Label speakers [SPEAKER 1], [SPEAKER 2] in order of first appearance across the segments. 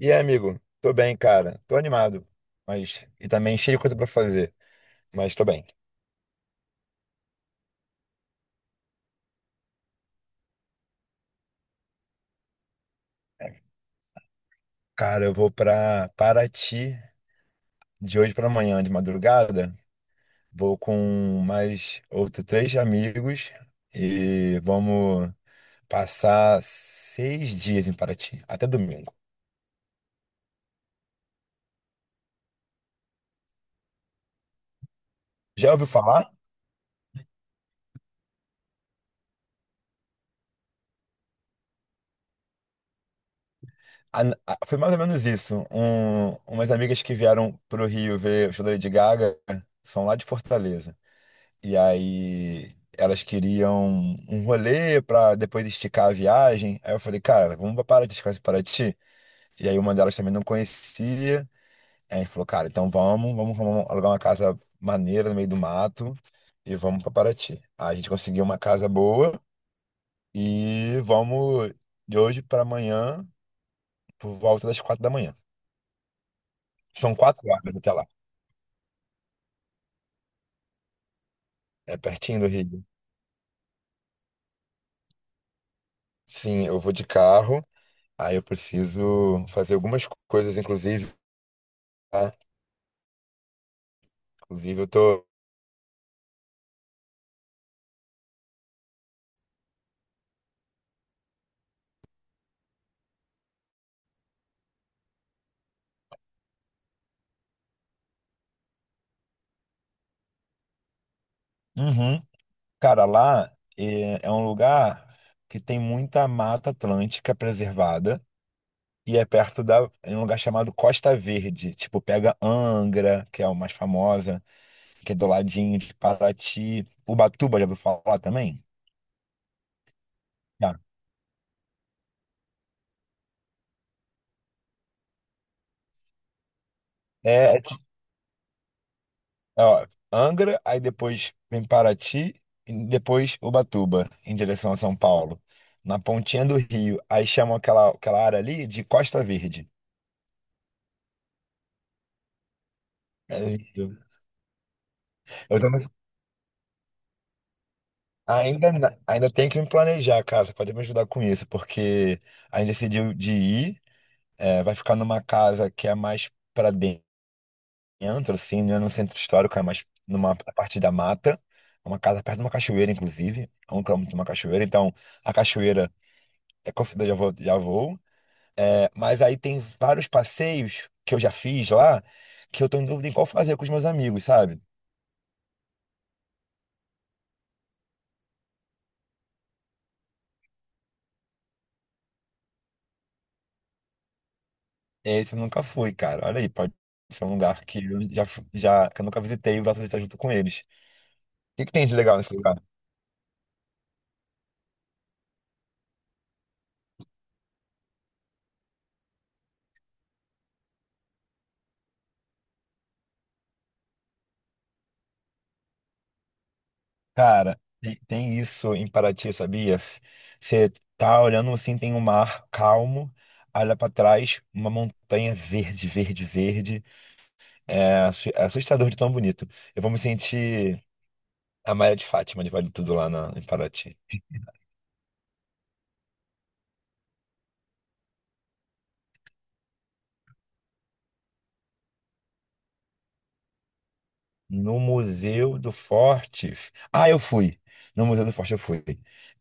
[SPEAKER 1] E aí, amigo? Tô bem, cara. Tô animado, mas e também cheio de coisa pra fazer, mas tô bem. Cara, eu vou pra Paraty de hoje pra amanhã, de madrugada. Vou com mais outros três amigos e vamos passar seis dias em Paraty, até domingo. Já ouviu falar? A- Foi mais ou menos isso. Umas amigas que vieram pro Rio ver o show da Lady Gaga são lá de Fortaleza. E aí elas queriam um rolê pra depois esticar a viagem. Aí eu falei, cara, vamos pra Paraty, conhece Paraty? E aí uma delas também não conhecia. Aí a gente falou, cara, então vamos, alugar uma casa maneira no meio do mato e vamos pra Paraty. Aí a gente conseguiu uma casa boa e vamos de hoje pra amanhã, por volta das quatro da manhã. São quatro horas até lá. É pertinho do Rio. Sim, eu vou de carro. Aí eu preciso fazer algumas coisas, inclusive. Tá? Inclusive, eu tô. Uhum. Cara, lá é um lugar que tem muita mata atlântica preservada e é perto da. É um lugar chamado Costa Verde. Tipo, pega Angra, que é o mais famosa, que é do ladinho de Paraty. Ubatuba, já ouviu falar também? Já. É, é, ti- ó, Angra, aí depois vem Paraty, e depois Ubatuba, em direção a São Paulo. Na pontinha do Rio. Aí chamam aquela área ali de Costa Verde. É isso. Eu tô Ainda, na- Ainda tem que me planejar, cara. Você pode me ajudar com isso, porque a gente decidiu de ir, vai ficar numa casa que é mais pra dentro, assim, não é no centro histórico, é mais numa parte da mata. É uma casa perto de uma cachoeira, inclusive, é um quilômetro de uma cachoeira. Então, a cachoeira é considerada já vou. É, mas aí tem vários passeios que eu já fiz lá, que eu tô em dúvida em qual fazer com os meus amigos, sabe? Esse eu nunca fui, cara. Olha aí, pode ser um lugar que já que eu nunca visitei e gosto de estar junto com eles. O que que tem de legal nesse lugar? Cara, tem, tem isso em Paraty, sabia? Você tá olhando assim, tem um mar calmo, olha pra trás, uma montanha verde, verde, verde. É, é assustador de tão bonito. Eu vou me sentir a Maria de Fátima de Vale Tudo em Paraty. No Museu do Forte. Ah, eu fui. No Museu do Forte eu fui.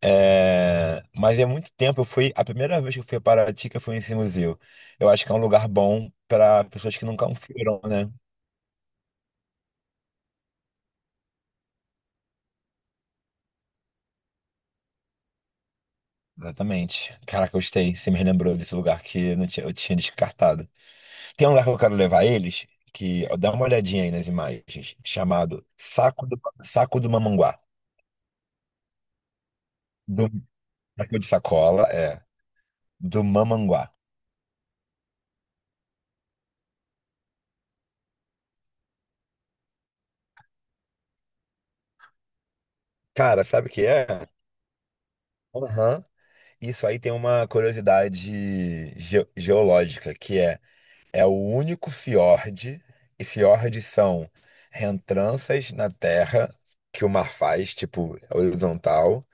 [SPEAKER 1] É, mas é muito tempo. Eu fui. A primeira vez que eu fui a Paraty, que eu fui nesse museu. Eu acho que é um lugar bom para pessoas que nunca foram, né? Exatamente. Caraca, eu gostei. Você me lembrou desse lugar não tinha, eu tinha descartado. Tem um lugar que eu quero levar eles, que ó, dá uma olhadinha aí nas imagens, chamado Saco do Mamanguá. Do, Saco de sacola, é. Do Mamanguá. Cara, sabe o que é? Aham. Isso aí tem uma curiosidade geológica, é o único fiord, e fiordes são rentranças na terra que o mar faz, tipo horizontal,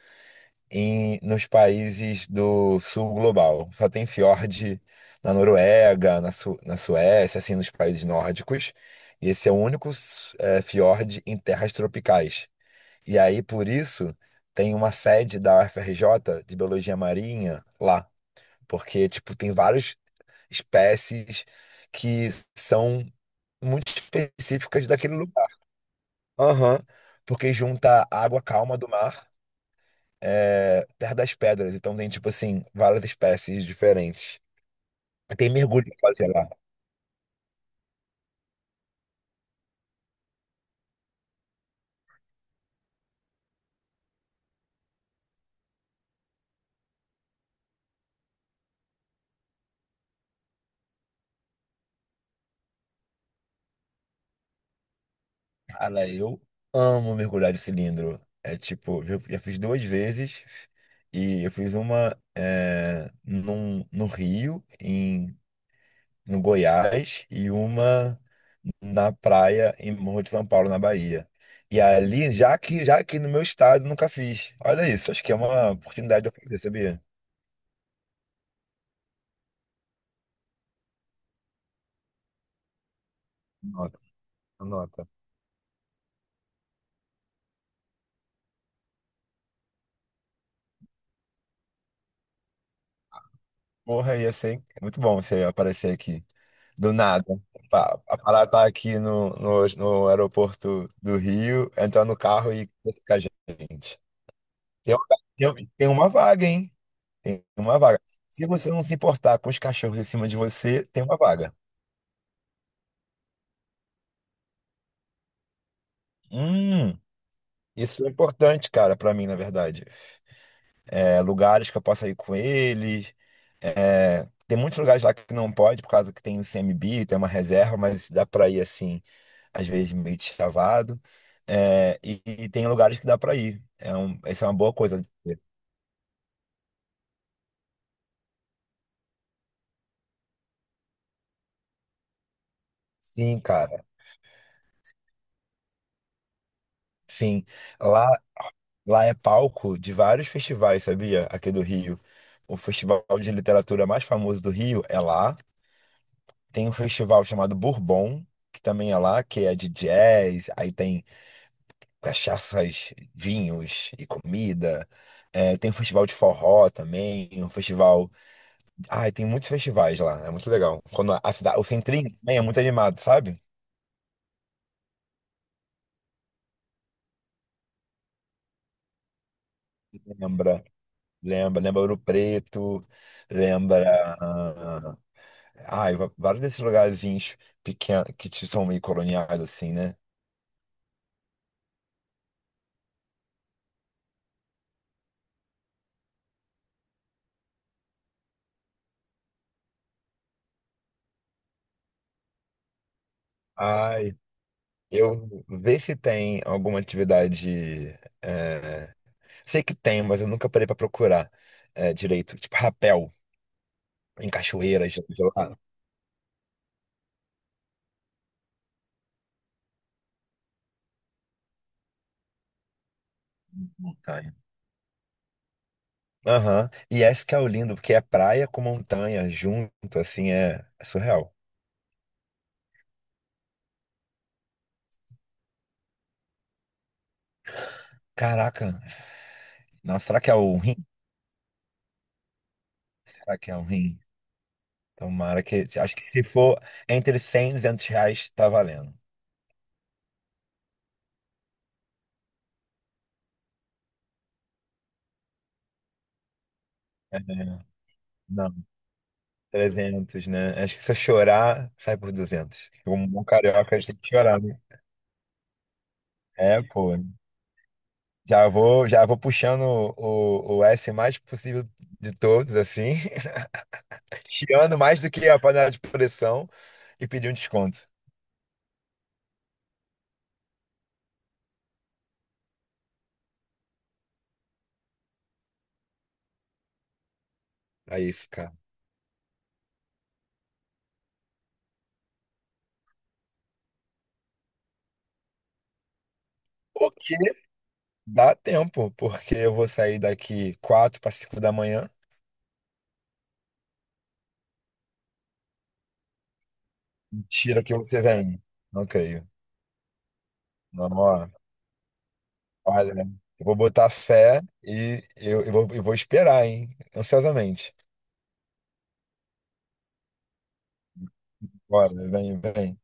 [SPEAKER 1] nos países do sul global. Só tem fiord na Noruega, na Suécia, assim, nos países nórdicos. E esse é o único fiord em terras tropicais. E aí, por isso, tem uma sede da UFRJ de Biologia Marinha lá. Porque, tipo, tem várias espécies que são muito específicas daquele lugar. Aham. Porque junta a água calma do mar, perto das pedras. Então tem, tipo assim, várias espécies diferentes. Tem mergulho pra fazer lá. Cara, eu amo mergulhar de cilindro. É tipo, eu já fiz duas vezes. E eu fiz no Rio, no Goiás e uma na praia em Morro de São Paulo, na Bahia. E ali, já que já aqui no meu estado, nunca fiz. Olha isso, acho que é uma oportunidade de eu fazer, sabia? Nota, anota. Porra, ia ser muito bom você aparecer aqui. Do nada. A parada tá aqui no aeroporto do Rio, entrar no carro e conversar com a gente. Tem uma, tem uma vaga, hein? Tem uma vaga. Se você não se importar com os cachorros em cima de você, tem uma vaga. Hum. Isso é importante, cara, pra mim, na verdade. É, lugares que eu possa ir com eles. Tem muitos lugares lá que não pode, por causa que tem o CMB, tem uma reserva, mas dá pra ir assim, às vezes meio de chavado. E tem lugares que dá pra ir. É um, essa é uma boa coisa. De ter. Sim, cara. Sim. Lá, lá é palco de vários festivais, sabia? Aqui do Rio. O festival de literatura mais famoso do Rio é lá. Tem um festival chamado Bourbon, que também é lá, que é de jazz, aí tem cachaças, vinhos e comida. É, tem um festival de forró também, um festival. Ai, tem muitos festivais lá, é muito legal. Quando a cidade, o Centrinho também é muito animado, sabe? Lembra, lembra Ouro Preto, lembra. Ai, vários desses lugarzinhos pequenos são meio coloniais, assim, né? Ai, eu ver se tem alguma atividade. é, Sei que tem, mas eu nunca parei pra procurar direito. Tipo rapel em cachoeiras gelado, montanha. Aham. E esse que é o lindo, porque é praia com montanha junto, assim, é surreal. Caraca. Nossa, será que é o rim? Será que é o rim? Tomara que. Acho que se for entre 100 e R$ 200, tá valendo. É, não, 300, né? Acho que se eu chorar, sai por 200. Como um bom carioca, a gente tem que chorar, né? É, pô. Já vou puxando o S mais possível de todos, assim. Tirando mais do que a panela de pressão e pedir um desconto. É isso, cara. Porque dá tempo, porque eu vou sair daqui 4 para 5 da manhã. Mentira que você vem. Não creio. Não, ó, olha, eu vou botar fé eu vou esperar, hein? Ansiosamente. Bora, vem, vem.